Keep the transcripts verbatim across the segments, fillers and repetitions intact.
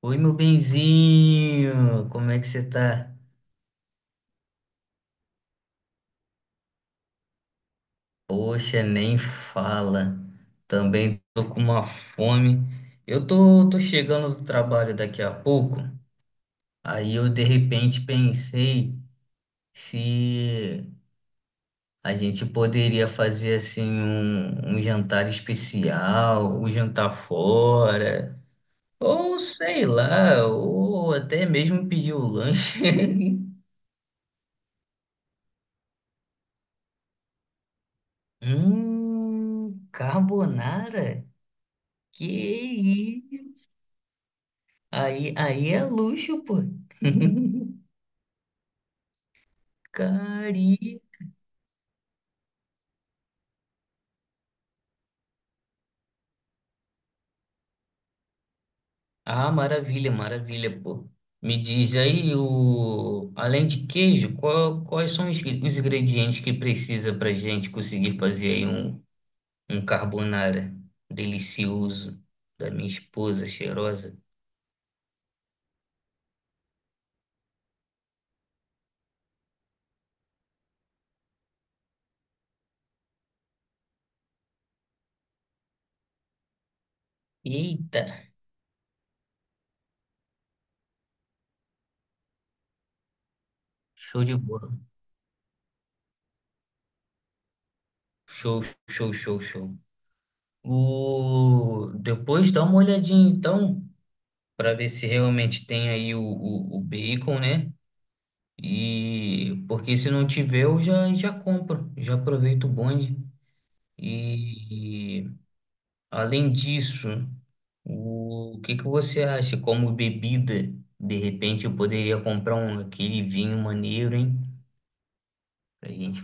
Oi, meu benzinho, como é que você tá? Poxa, nem fala. Também tô com uma fome. Eu tô, tô chegando do trabalho daqui a pouco. Aí eu de repente pensei se a gente poderia fazer assim um, um jantar especial, um jantar fora, ou sei lá, ou até mesmo pedir o lanche. Hum, carbonara? Que isso? Aí, aí é luxo, pô. Cari. Ah, maravilha, maravilha, pô. Me diz aí, o... além de queijo, qual- quais são os, os ingredientes que precisa pra gente conseguir fazer aí um, um carbonara delicioso da minha esposa cheirosa? Eita, show de bola. Show, show, show, show. O... Depois dá uma olhadinha então para ver se realmente tem aí o, o, o bacon, né? E porque se não tiver, eu já, já compro, já aproveito o bonde. E, e, além disso, o, que que você acha como bebida? De repente eu poderia comprar um aquele vinho maneiro, hein? Pra gente.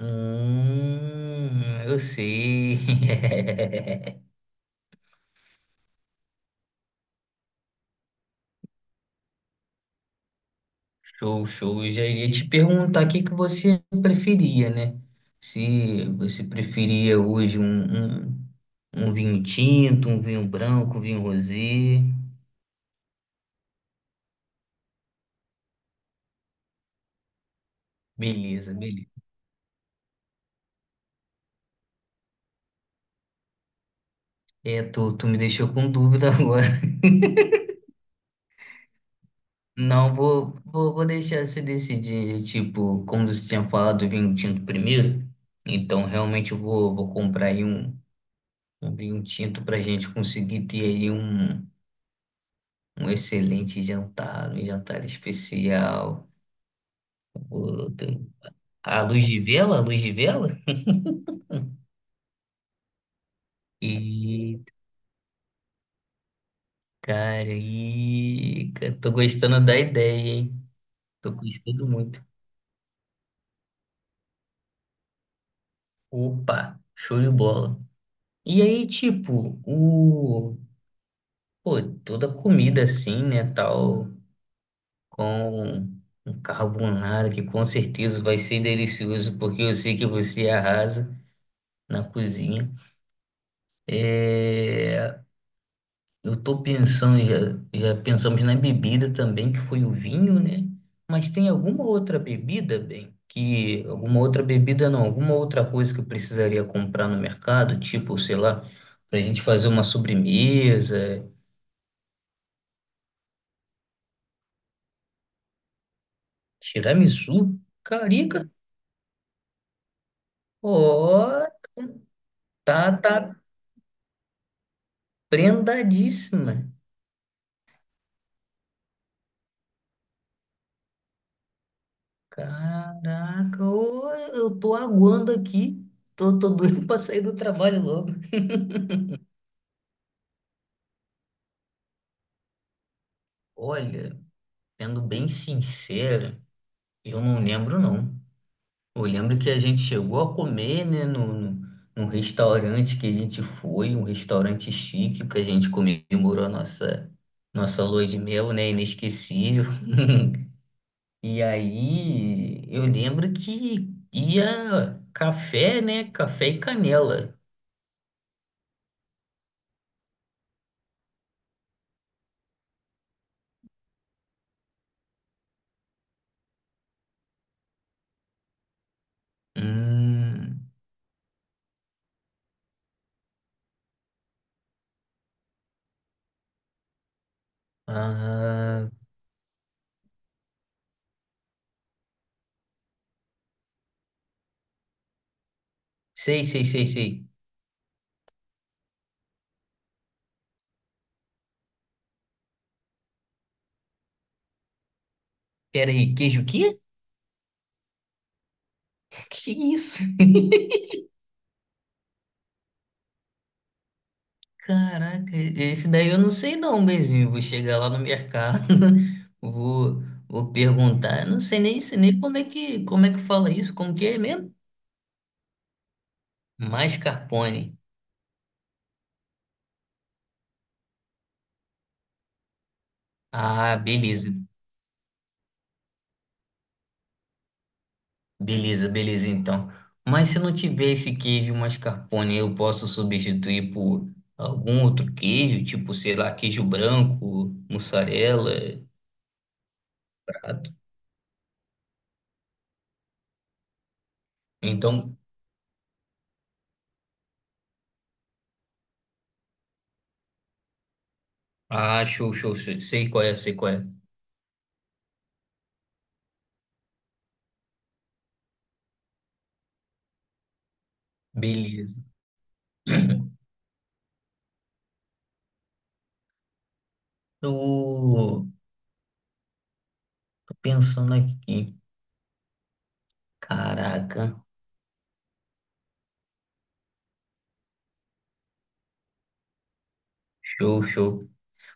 Hum, eu sei. Show, show. Eu já iria te perguntar o que que você preferia, né? Se você preferia hoje um, um, um vinho tinto, um vinho branco, um vinho rosé. Beleza, beleza. É, tu, tu me deixou com dúvida agora. Não, vou, vou, vou deixar você decidir, tipo, como você tinha falado, do vinho tinto primeiro. Então, realmente, eu vou, vou comprar aí um, um vinho tinto pra gente conseguir ter aí um, um excelente jantar, um jantar especial. O- tem a luz de vela, a luz de vela. E, cara, e cara, tô gostando da ideia, hein? Tô gostando muito. Opa, show de bola. E aí, tipo, o, pô, toda comida assim, né, tal, com um carbonara que com certeza vai ser delicioso, porque eu sei que você arrasa na cozinha. É... Eu tô pensando, já, já pensamos na bebida também, que foi o vinho, né? Mas tem alguma outra bebida, bem, que alguma outra bebida não, alguma outra coisa que eu precisaria comprar no mercado, tipo, sei lá, pra gente fazer uma sobremesa, tiramisu, carica, ó, tá, tá prendadíssima. Caraca, ô, eu tô aguando aqui, tô, tô doido pra sair do trabalho logo. Olha. Sendo bem sincero, eu não lembro não. Eu lembro que a gente chegou a comer, né, no, no, num restaurante que a gente foi, um restaurante chique que a gente comemorou a nossa nossa lua de mel, né, inesquecível. E aí eu lembro que ia café, né, café e canela. Hum, ah, sei, sei, sei, sei. Pera aí, queijo o quê? Que isso? Caraca, esse daí eu não sei não, Bezinho. Vou chegar lá no mercado, vou, vou perguntar. Eu não sei nem, sei nem como é que, como é que fala isso, como que é mesmo? Mascarpone. Ah, beleza, beleza, beleza então. Mas se não tiver esse queijo mascarpone, eu posso substituir por algum outro queijo, tipo, sei lá, queijo branco, mussarela, prato. Então, ah, show, show, show. Sei qual é, sei qual é. Beleza. O Pensando aqui, caraca, show, show.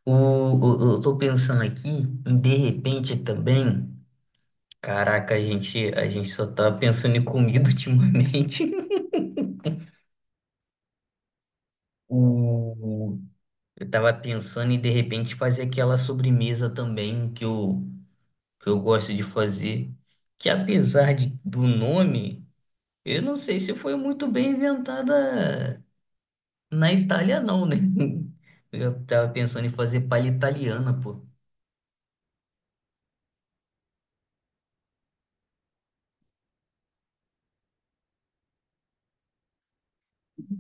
O, o- eu tô pensando aqui, em de repente também, caraca, a gente, a gente só tá pensando em comida ultimamente. O, eu tava pensando em de repente fazer aquela sobremesa também que eu, que eu gosto de fazer, que apesar de, do nome, eu não sei se foi muito bem inventada na Itália, não, né? Eu tava pensando em fazer palha italiana, pô.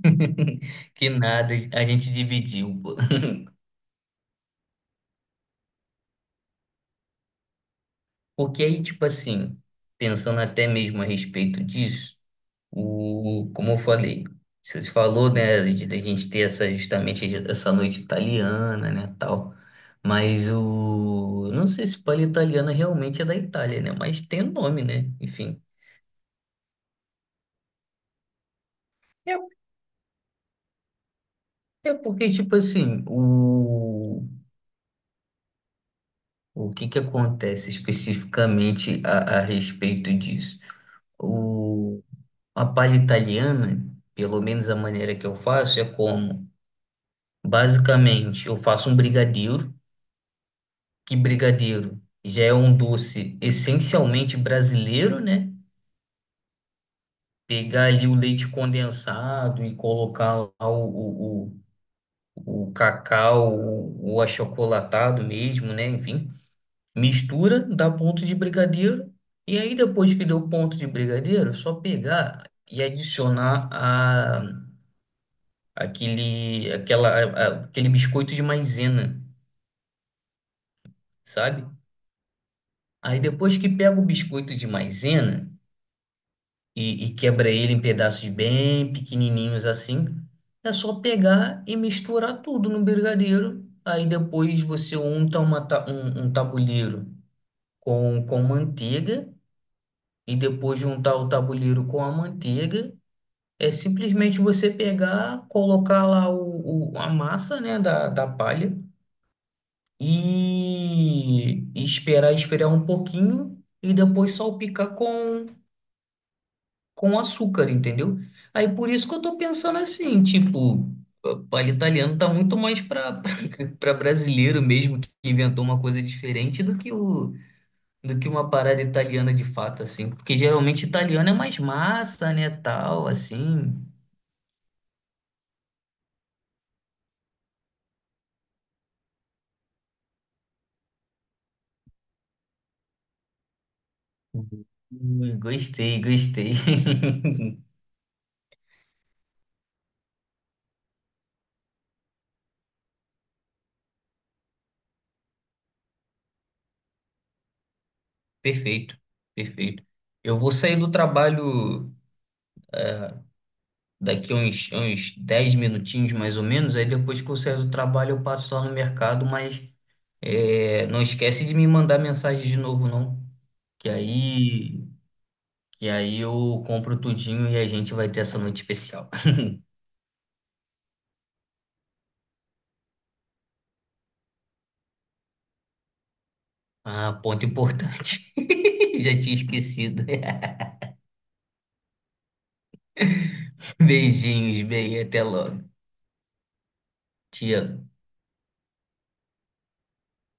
Que nada, a gente dividiu, pô. Porque aí, tipo assim, pensando até mesmo a respeito disso, o, como eu falei, você falou, né, de, da gente ter essa, justamente essa noite italiana, né, tal. Mas o, não sei se palha italiana realmente é da Itália, né, mas tem o nome, né, enfim. É, é porque, tipo assim, o, o que que acontece especificamente a, a respeito disso? A palha italiana, pelo menos a maneira que eu faço, é como, basicamente, eu faço um brigadeiro, que brigadeiro já é um doce essencialmente brasileiro, né? Pegar ali o leite condensado e colocar lá o, o, o, o cacau, o, o achocolatado mesmo, né? Enfim, mistura, dá ponto de brigadeiro, e aí depois que deu ponto de brigadeiro, é só pegar e adicionar a aquele, aquela, a- aquele biscoito de maisena, sabe? Aí depois que pega o biscoito de maisena e, e quebra ele em pedaços bem pequenininhos assim, é só pegar e misturar tudo no brigadeiro. Aí depois você unta uma, ta- um, um tabuleiro com, com manteiga e depois de untar o tabuleiro com a manteiga. É simplesmente você pegar, colocar lá o, o- a massa, né, da, da palha e, e esperar esfriar um pouquinho e depois salpicar com, com açúcar, entendeu? Aí por isso que eu tô pensando assim, tipo, palha italiano tá muito mais para para brasileiro mesmo que inventou uma coisa diferente do que o do que uma parada italiana de fato assim, porque geralmente italiano é mais massa, né, tal, assim. Uhum. Hum, gostei, gostei. Perfeito, perfeito. Eu vou sair do trabalho daqui uns, uns dez minutinhos mais ou menos, aí depois que eu sair do trabalho eu passo lá no mercado, mas é, não esquece de me mandar mensagem de novo, não. Que aí, que aí eu compro tudinho e a gente vai ter essa noite especial. Ah, ponto importante. Já tinha esquecido. Beijinhos, bem, até logo. Te amo.